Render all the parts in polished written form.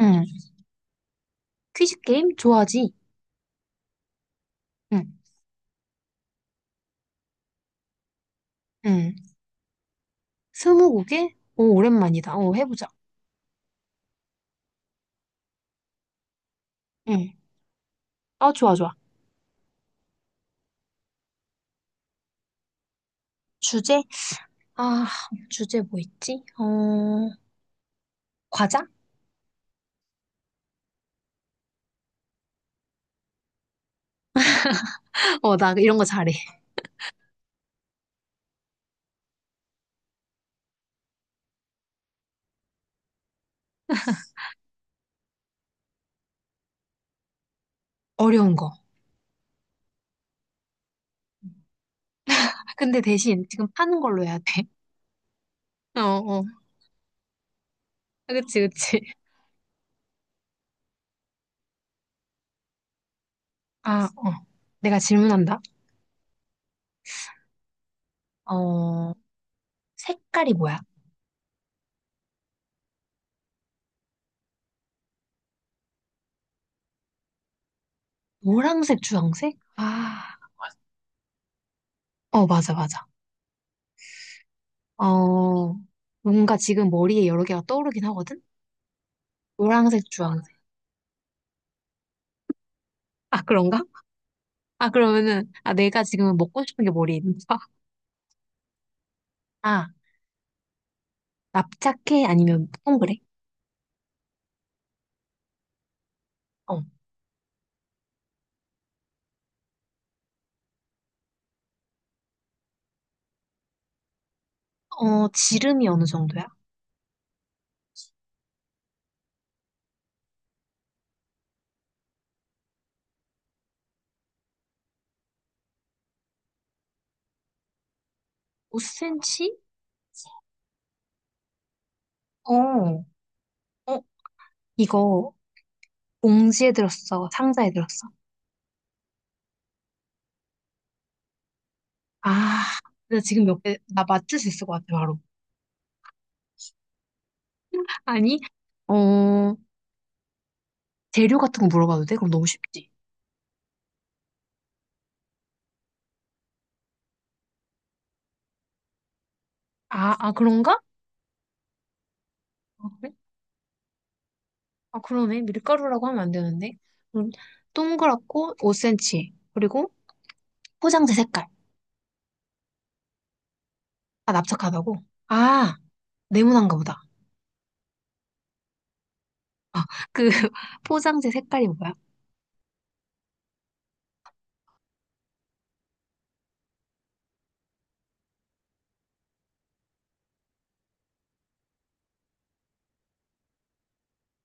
응. 퀴즈 게임 좋아하지? 응. 응. 스무고개? 오, 오랜만이다. 오, 해보자. 응. 아, 좋아, 좋아. 주제? 아, 주제 뭐 있지? 어, 과자? 어, 나 이런 거 잘해. 어려운 거. 아, 근데 대신 지금 파는 걸로 해야 돼. 어, 어. 아, 그치, 그치. 아, 어. 내가 질문한다. 어, 색깔이 뭐야? 노란색, 주황색? 아, 어, 맞아, 맞아. 어, 뭔가 지금 머리에 여러 개가 떠오르긴 하거든? 노란색, 주황색. 아, 그런가? 아, 그러면은, 아, 내가 지금 먹고 싶은 게 머리에 있는 거야? 아, 납작해? 아니면 동그래? 어, 어, 지름이 어느 정도야? 5cm? 어, 어, 이거 봉지에 들었어? 상자에 들었어? 아, 나 지금 몇 개, 나 맞출 수 있을 것 같아, 바로. 아니, 어, 재료 같은 거 물어봐도 돼? 그럼 너무 쉽지. 아, 아, 그런가? 아, 그래? 아, 그러네. 밀가루라고 하면 안 되는데. 음, 동그랗고 5cm. 그리고 포장재 색깔. 아, 납작하다고? 아, 네모난가 보다. 아, 그 포장재 색깔이 뭐야?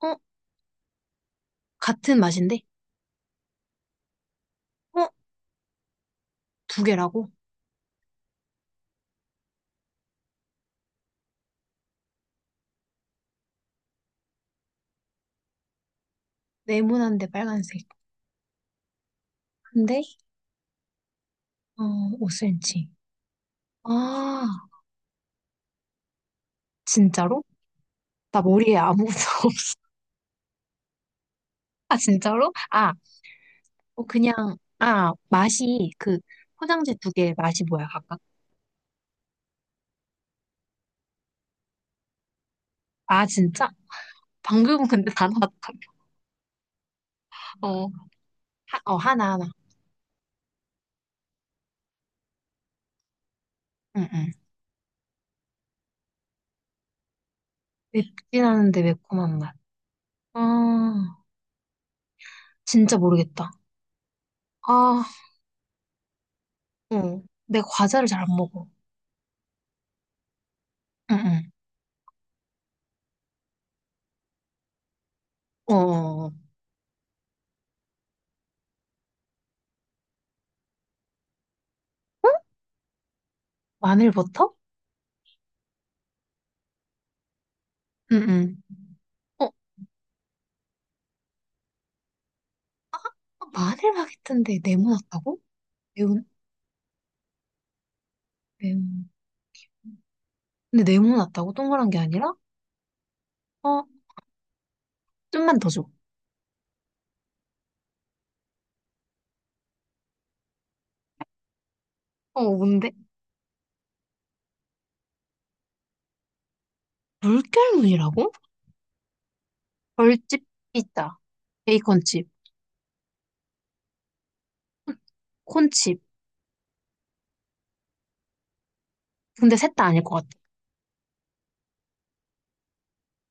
어, 같은 맛인데? 어, 두 개라고? 네모난데 빨간색. 근데 어, 5cm. 아, 진짜로? 나 머리에 아무것도 없어. 아, 진짜로? 아, 어, 그냥 아, 맛이 그 포장재 두 개 맛이 뭐야, 각각? 아, 진짜? 방금 근데 다 나왔다. 어, 하, 어, 하나 하나. 응, 응. 맵진 않은데 매콤한 맛. 아, 진짜 모르겠다. 아, 응. 내가 과자를 잘 안 먹어. 응응. 어, 어, 어. 마늘 버터? 응응. 어, 마늘 바게트인데 네모났다고? 매운, 매운. 근데 네모났다고? 동그란 게 아니라? 어, 좀만 더 줘. 어, 뭔데? 물결무늬라고? 벌집 피자, 베이컨칩, 콘칩. 근데 셋 다 아닐 것 같아.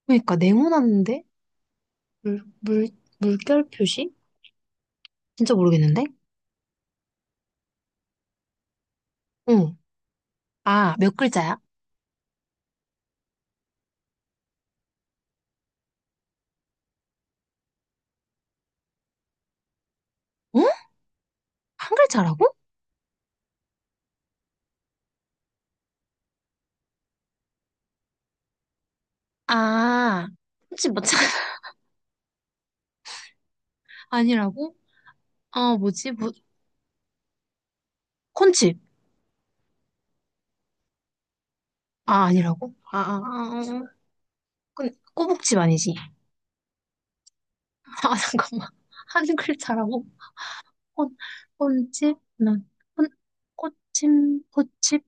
그러니까 네모났는데? 물, 물, 물결 표시? 진짜 모르겠는데? 응. 아, 몇 글자야? 어? 한 글자라고? 아, 콘칩 뭐 아니라고? 아, 뭐지? 뭐, 콘칩. 아, 아니라고? 아, 아, 아, 아. 콘, 꼬북칩 아니지? 아, 잠깐만. 한 글자라고? 콘, 콘칩? 난, 콘, 꽃침, 꽃칩?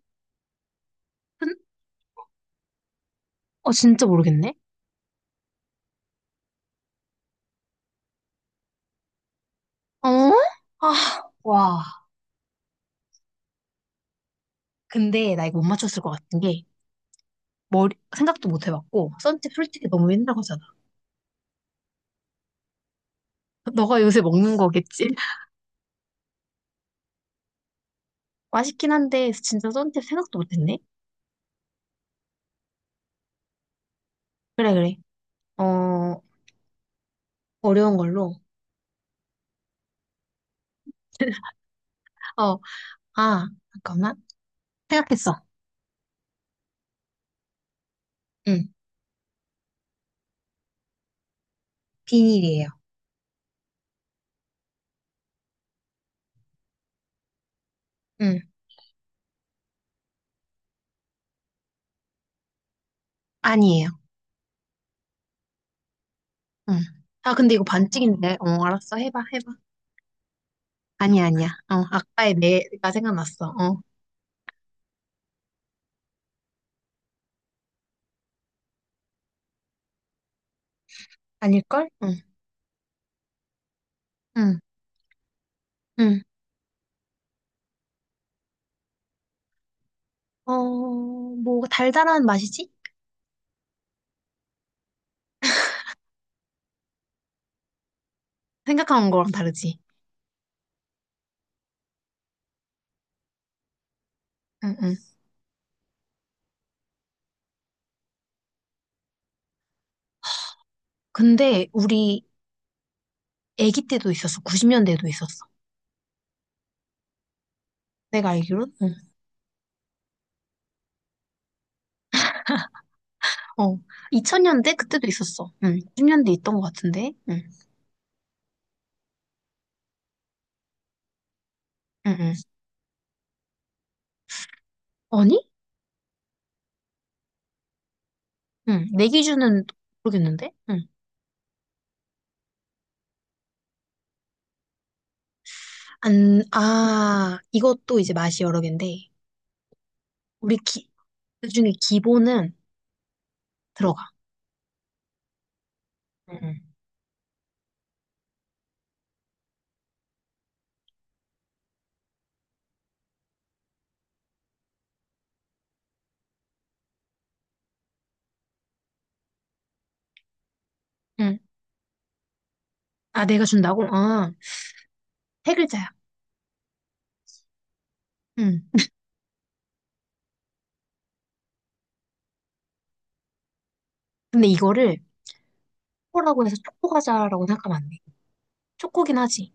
은? 어, 진짜 모르겠네? 어? 아, 와. 근데 나 이거 못 맞췄을 것 같은 게, 머리, 생각도 못 해봤고, 썬팁 솔직히 너무 옛날 거잖아. 너가 요새 먹는 거겠지? 맛있긴 한데, 진짜 썬팁 생각도 못 했네? 그래, 그래. 어, 어려운 걸로. 어, 아, 잠깐만. 생각했어. 응. 비닐이에요. 응. 아니에요. 응. 아, 근데 이거 반칙인데. 어, 알았어. 해봐, 해봐. 아니야, 아니야. 어, 아까의 내가 생각났어. 어. 아닐걸? 응. 응. 응. 어, 뭐, 달달한 맛이지? 생각한 거랑 다르지. 응, 응. 근데 우리 아기 때도 있었어. 90년대에도 있었어. 내가 알기론? 응. 어. 2000년대? 그때도 있었어. 응. 90년대 있던 것 같은데? 응. 응, 응. 아니? 응. 내 기준은 모르겠는데? 응. 안, 아, 이것도 이제 맛이 여러 개인데, 우리 기, 그중에 기본은 들어가. 응, 응. 응. 아, 내가 준다고? 어, 세 글자야. 응. 근데 이거를 초코라고 해서 초코과자라고 생각하면 안 돼. 초코긴 하지.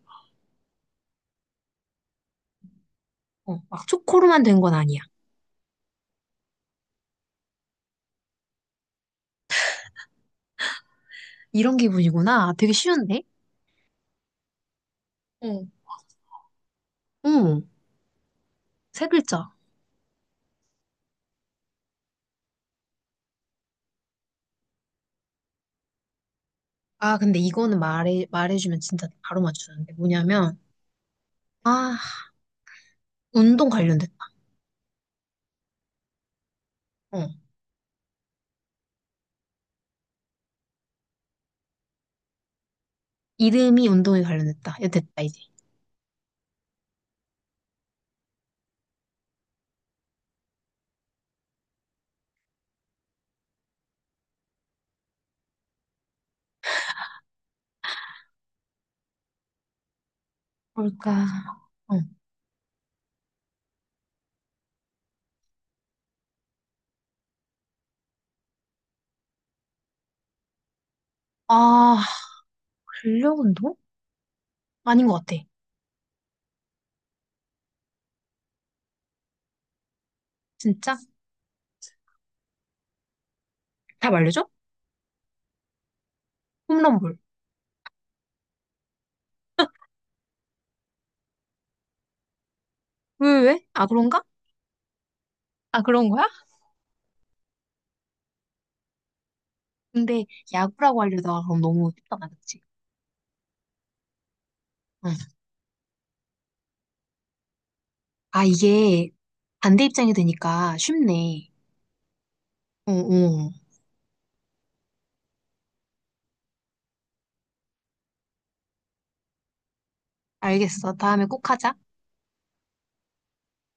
어, 막 초코로만 된 건 아니야. 이런 기분이구나. 아, 되게 쉬운데? 어. 응. 세 글자. 아, 근데 이거는 말해주면 진짜 바로 맞추는데. 뭐냐면, 아, 운동 관련됐다. 어. 이름이 운동에 관련됐다. 이거 됐다, 이제. 뭘까? 어. 아, 근력 운동? 아닌 것 같아. 진짜? 답 알려줘? 홈런볼. 왜, 왜? 왜? 아, 그런가? 아, 그런 거야? 근데 야구라고 알려다가 그럼 너무 쉽잖아, 그치? 응. 아, 이게 반대 입장이 되니까 쉽네. 어, 어. 알겠어. 다음에 꼭 하자.